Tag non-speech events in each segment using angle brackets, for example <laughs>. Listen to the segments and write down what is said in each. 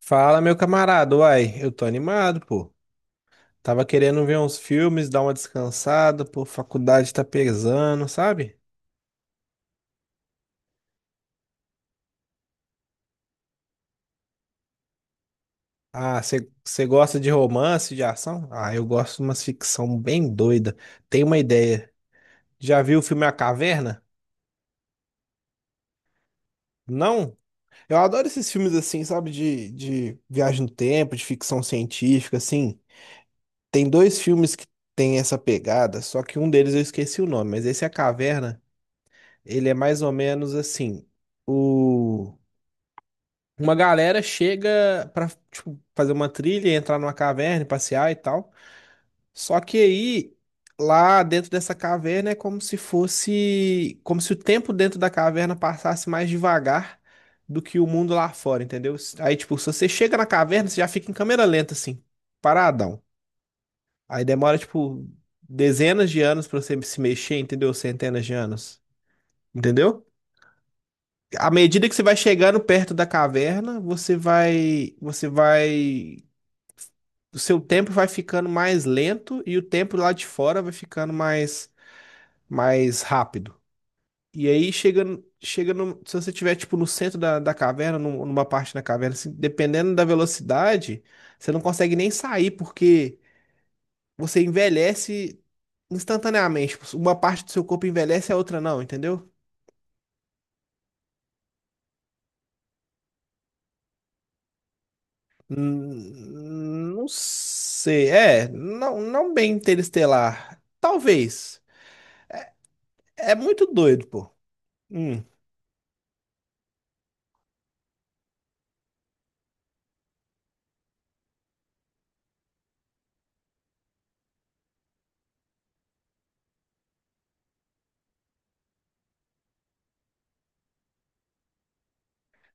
Fala, meu camarada. Uai, eu tô animado, pô. Tava querendo ver uns filmes, dar uma descansada, pô. Faculdade tá pesando, sabe? Ah, você gosta de romance, de ação? Ah, eu gosto de umas ficção bem doida. Tem uma ideia. Já viu o filme A Caverna? Não? Eu adoro esses filmes assim, sabe? De viagem no tempo, de ficção científica, assim. Tem dois filmes que tem essa pegada, só que um deles eu esqueci o nome, mas esse é A Caverna. Ele é mais ou menos assim, o uma galera chega pra tipo, fazer uma trilha, entrar numa caverna, e passear e tal. Só que aí lá dentro dessa caverna é como se fosse, como se o tempo dentro da caverna passasse mais devagar do que o mundo lá fora, entendeu? Aí tipo, se você chega na caverna, você já fica em câmera lenta assim, paradão. Aí demora tipo dezenas de anos pra você se mexer, entendeu? Centenas de anos, entendeu? À medida que você vai chegando perto da caverna, você vai, o seu tempo vai ficando mais lento e o tempo lá de fora vai ficando mais, mais rápido. E aí chega, chega no- se você estiver tipo no centro da caverna, numa parte da caverna, assim, dependendo da velocidade, você não consegue nem sair porque você envelhece instantaneamente. Uma parte do seu corpo envelhece, a outra não, entendeu? Hum. Não sei. É, não, não bem interestelar. Talvez. É muito doido, pô. Hum.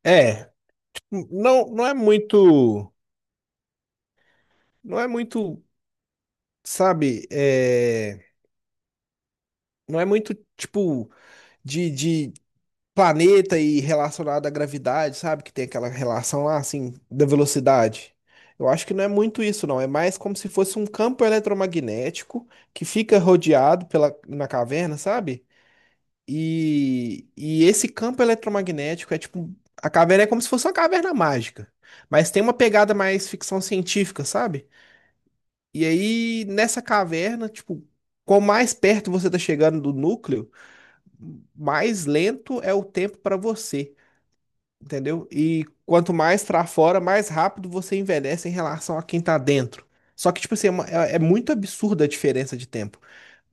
É, não, não é muito. Não é muito, sabe? É, não é muito tipo de planeta e relacionado à gravidade, sabe? Que tem aquela relação lá, assim, da velocidade. Eu acho que não é muito isso, não. É mais como se fosse um campo eletromagnético que fica rodeado pela, na caverna, sabe? E esse campo eletromagnético é tipo. A caverna é como se fosse uma caverna mágica. Mas tem uma pegada mais ficção científica, sabe? E aí, nessa caverna, tipo, quanto mais perto você tá chegando do núcleo, mais lento é o tempo para você, entendeu? E quanto mais pra fora, mais rápido você envelhece em relação a quem tá dentro. Só que, tipo assim, é muito absurda a diferença de tempo.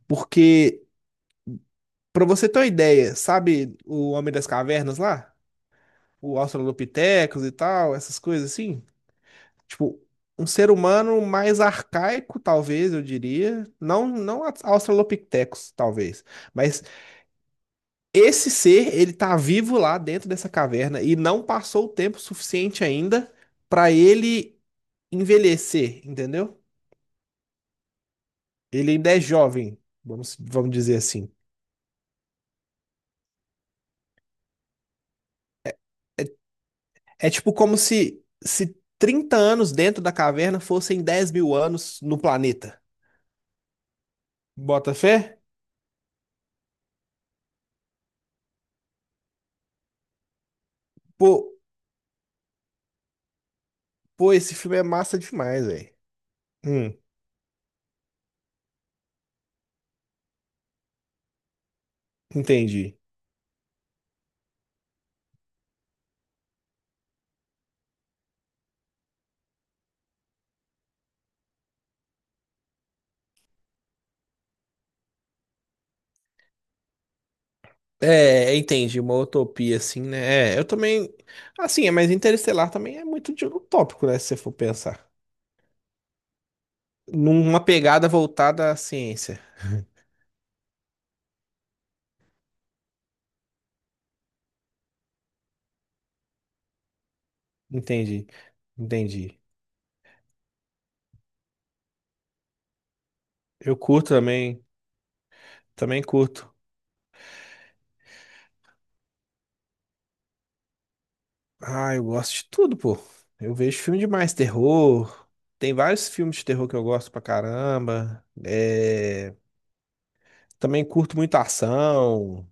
Porque, pra você ter uma ideia, sabe o Homem das Cavernas lá? O Australopithecus e tal, essas coisas assim. Tipo, um ser humano mais arcaico, talvez, eu diria. Não, não Australopithecus, talvez. Mas esse ser, ele tá vivo lá dentro dessa caverna e não passou o tempo suficiente ainda para ele envelhecer, entendeu? Ele ainda é jovem, vamos dizer assim. É tipo como se 30 anos dentro da caverna fossem 10 mil anos no planeta. Bota fé? Pô. Pô, esse filme é massa demais, velho. Hum, entendi. É, entendi, uma utopia assim, né? É, eu também. Assim, é, mas Interestelar também é muito de utópico, né? Se você for pensar. Numa pegada voltada à ciência. Entendi, entendi. Eu curto também, também curto. Ah, eu gosto de tudo, pô. Eu vejo filme demais, terror. Tem vários filmes de terror que eu gosto pra caramba. É, também curto muito ação.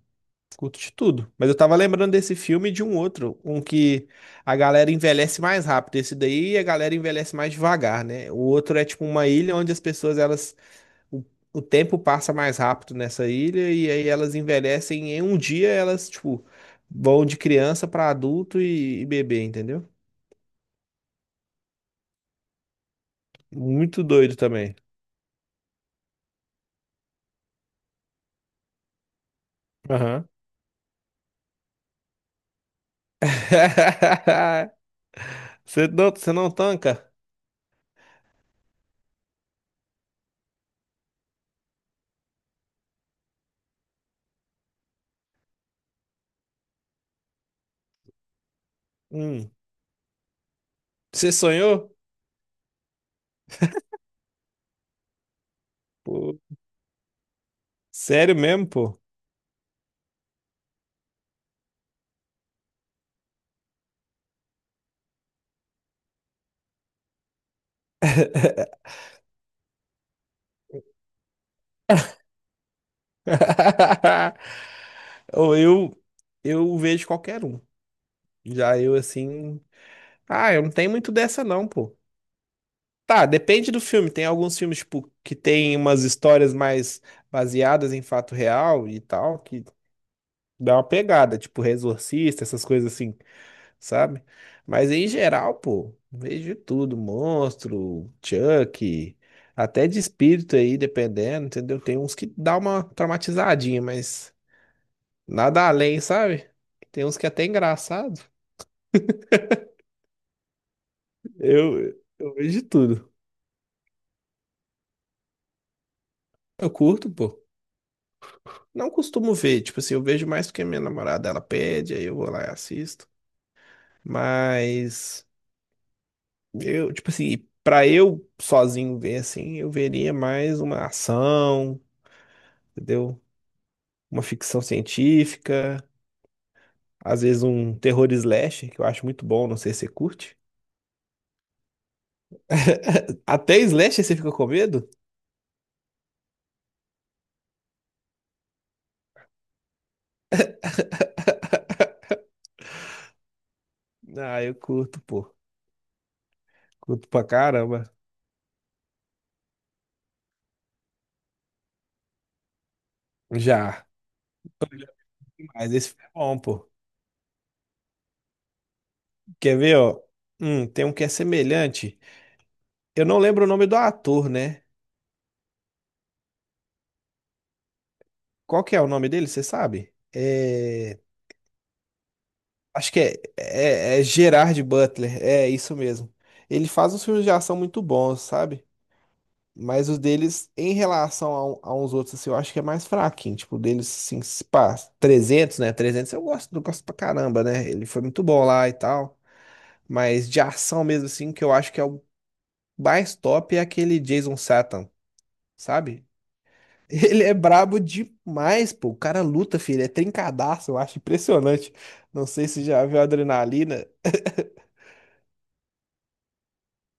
Curto de tudo. Mas eu tava lembrando desse filme e de um outro, um que a galera envelhece mais rápido. Esse daí a galera envelhece mais devagar, né? O outro é tipo uma ilha onde as pessoas, elas. O, o tempo passa mais rápido nessa ilha e aí elas envelhecem em um dia, elas, tipo, vão de criança pra adulto e bebê, entendeu? Muito doido também. Aham. <laughs> Você não tanca? Hum. Você sonhou? Pô, sério mesmo, pô? <laughs> Ou eu vejo qualquer um. Já eu, assim. Ah, eu não tenho muito dessa, não, pô. Tá, depende do filme. Tem alguns filmes, tipo, que tem umas histórias mais baseadas em fato real e tal, que dá uma pegada, tipo, Exorcista, essas coisas assim, sabe? Mas em geral, pô, vejo de tudo: monstro, Chuck, até de espírito aí, dependendo, entendeu? Tem uns que dá uma traumatizadinha, mas nada além, sabe? Tem uns que é até engraçado. Eu, eu vejo de tudo. Eu curto, pô. Não costumo ver, tipo assim, eu vejo mais porque minha namorada ela pede, aí eu vou lá e assisto. Mas eu, tipo assim, pra eu sozinho ver assim, eu veria mais uma ação, entendeu? Uma ficção científica, às vezes um terror slasher, que eu acho muito bom, não sei se você curte. Até slasher você fica com medo? Ah, eu curto, pô. Curto pra caramba. Já. Mas esse é bom, pô. Quer ver, ó? Tem um que é semelhante. Eu não lembro o nome do ator, né? Qual que é o nome dele, você sabe? É... Acho que é Gerard Butler. É, isso mesmo. Ele faz uns filmes de ação muito bons, sabe? Mas os deles, em relação a uns outros, assim, eu acho que é mais fraquinho. Tipo, o deles, assim, se pá, 300, né? Trezentos eu gosto pra caramba, né? Ele foi muito bom lá e tal. Mas de ação mesmo, assim, que eu acho que é o mais top é aquele Jason Statham, sabe? Ele é brabo demais, pô. O cara luta, filho. É trincadaço, eu acho impressionante. Não sei se já viu a adrenalina.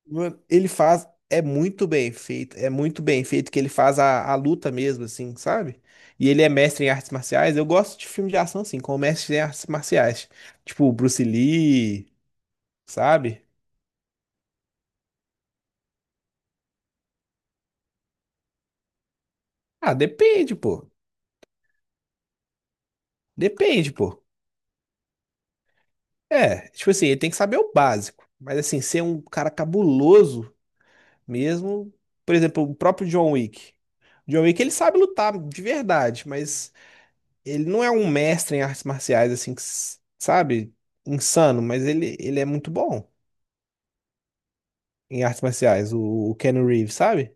Mano, ele faz. É muito bem feito. É muito bem feito que ele faz a luta mesmo, assim, sabe? E ele é mestre em artes marciais. Eu gosto de filme de ação, assim, com mestre em artes marciais. Tipo, Bruce Lee, sabe? Ah, depende, pô. Depende, pô. É, tipo assim, ele tem que saber o básico. Mas assim, ser um cara cabuloso. Mesmo, por exemplo, o próprio John Wick. John Wick, ele sabe lutar de verdade, mas ele não é um mestre em artes marciais, assim, que sabe? Insano, mas ele é muito bom em artes marciais, o Keanu Reeves, sabe?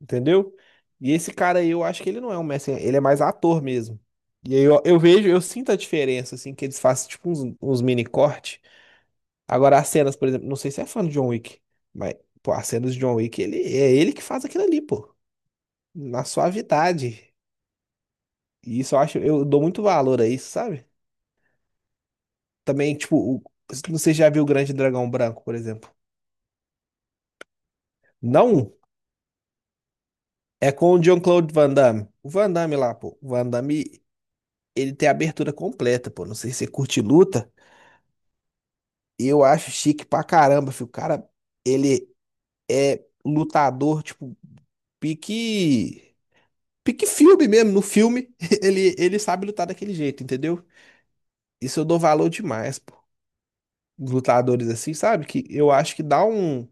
Entendeu? E esse cara aí, eu acho que ele não é um mestre, ele é mais ator mesmo. E aí eu vejo, eu sinto a diferença, assim, que eles fazem, tipo, uns mini corte. Agora, as cenas, por exemplo, não sei se é fã do John Wick, mas, pô, as cenas do John Wick, ele, é ele que faz aquilo ali, pô. Na suavidade. E isso eu acho, eu dou muito valor a isso, sabe? Também, tipo, o, você já viu o Grande Dragão Branco, por exemplo? Não, é com o Jean-Claude Van Damme. O Van Damme lá, pô. O Van Damme, ele tem a abertura completa, pô. Não sei se você curte luta. Eu acho chique pra caramba, filho. O cara, ele é lutador, tipo, pique. Pique filme mesmo. No filme, <laughs> ele sabe lutar daquele jeito, entendeu? Isso eu dou valor demais, os lutadores assim, sabe? Que eu acho que dá um,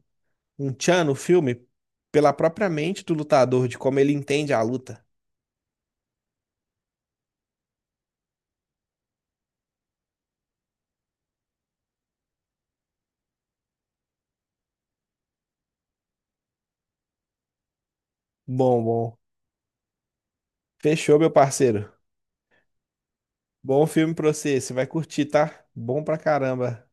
um tchan no filme pela própria mente do lutador, de como ele entende a luta. Bom, bom. Fechou, meu parceiro. Bom filme pra você, você vai curtir, tá? Bom pra caramba.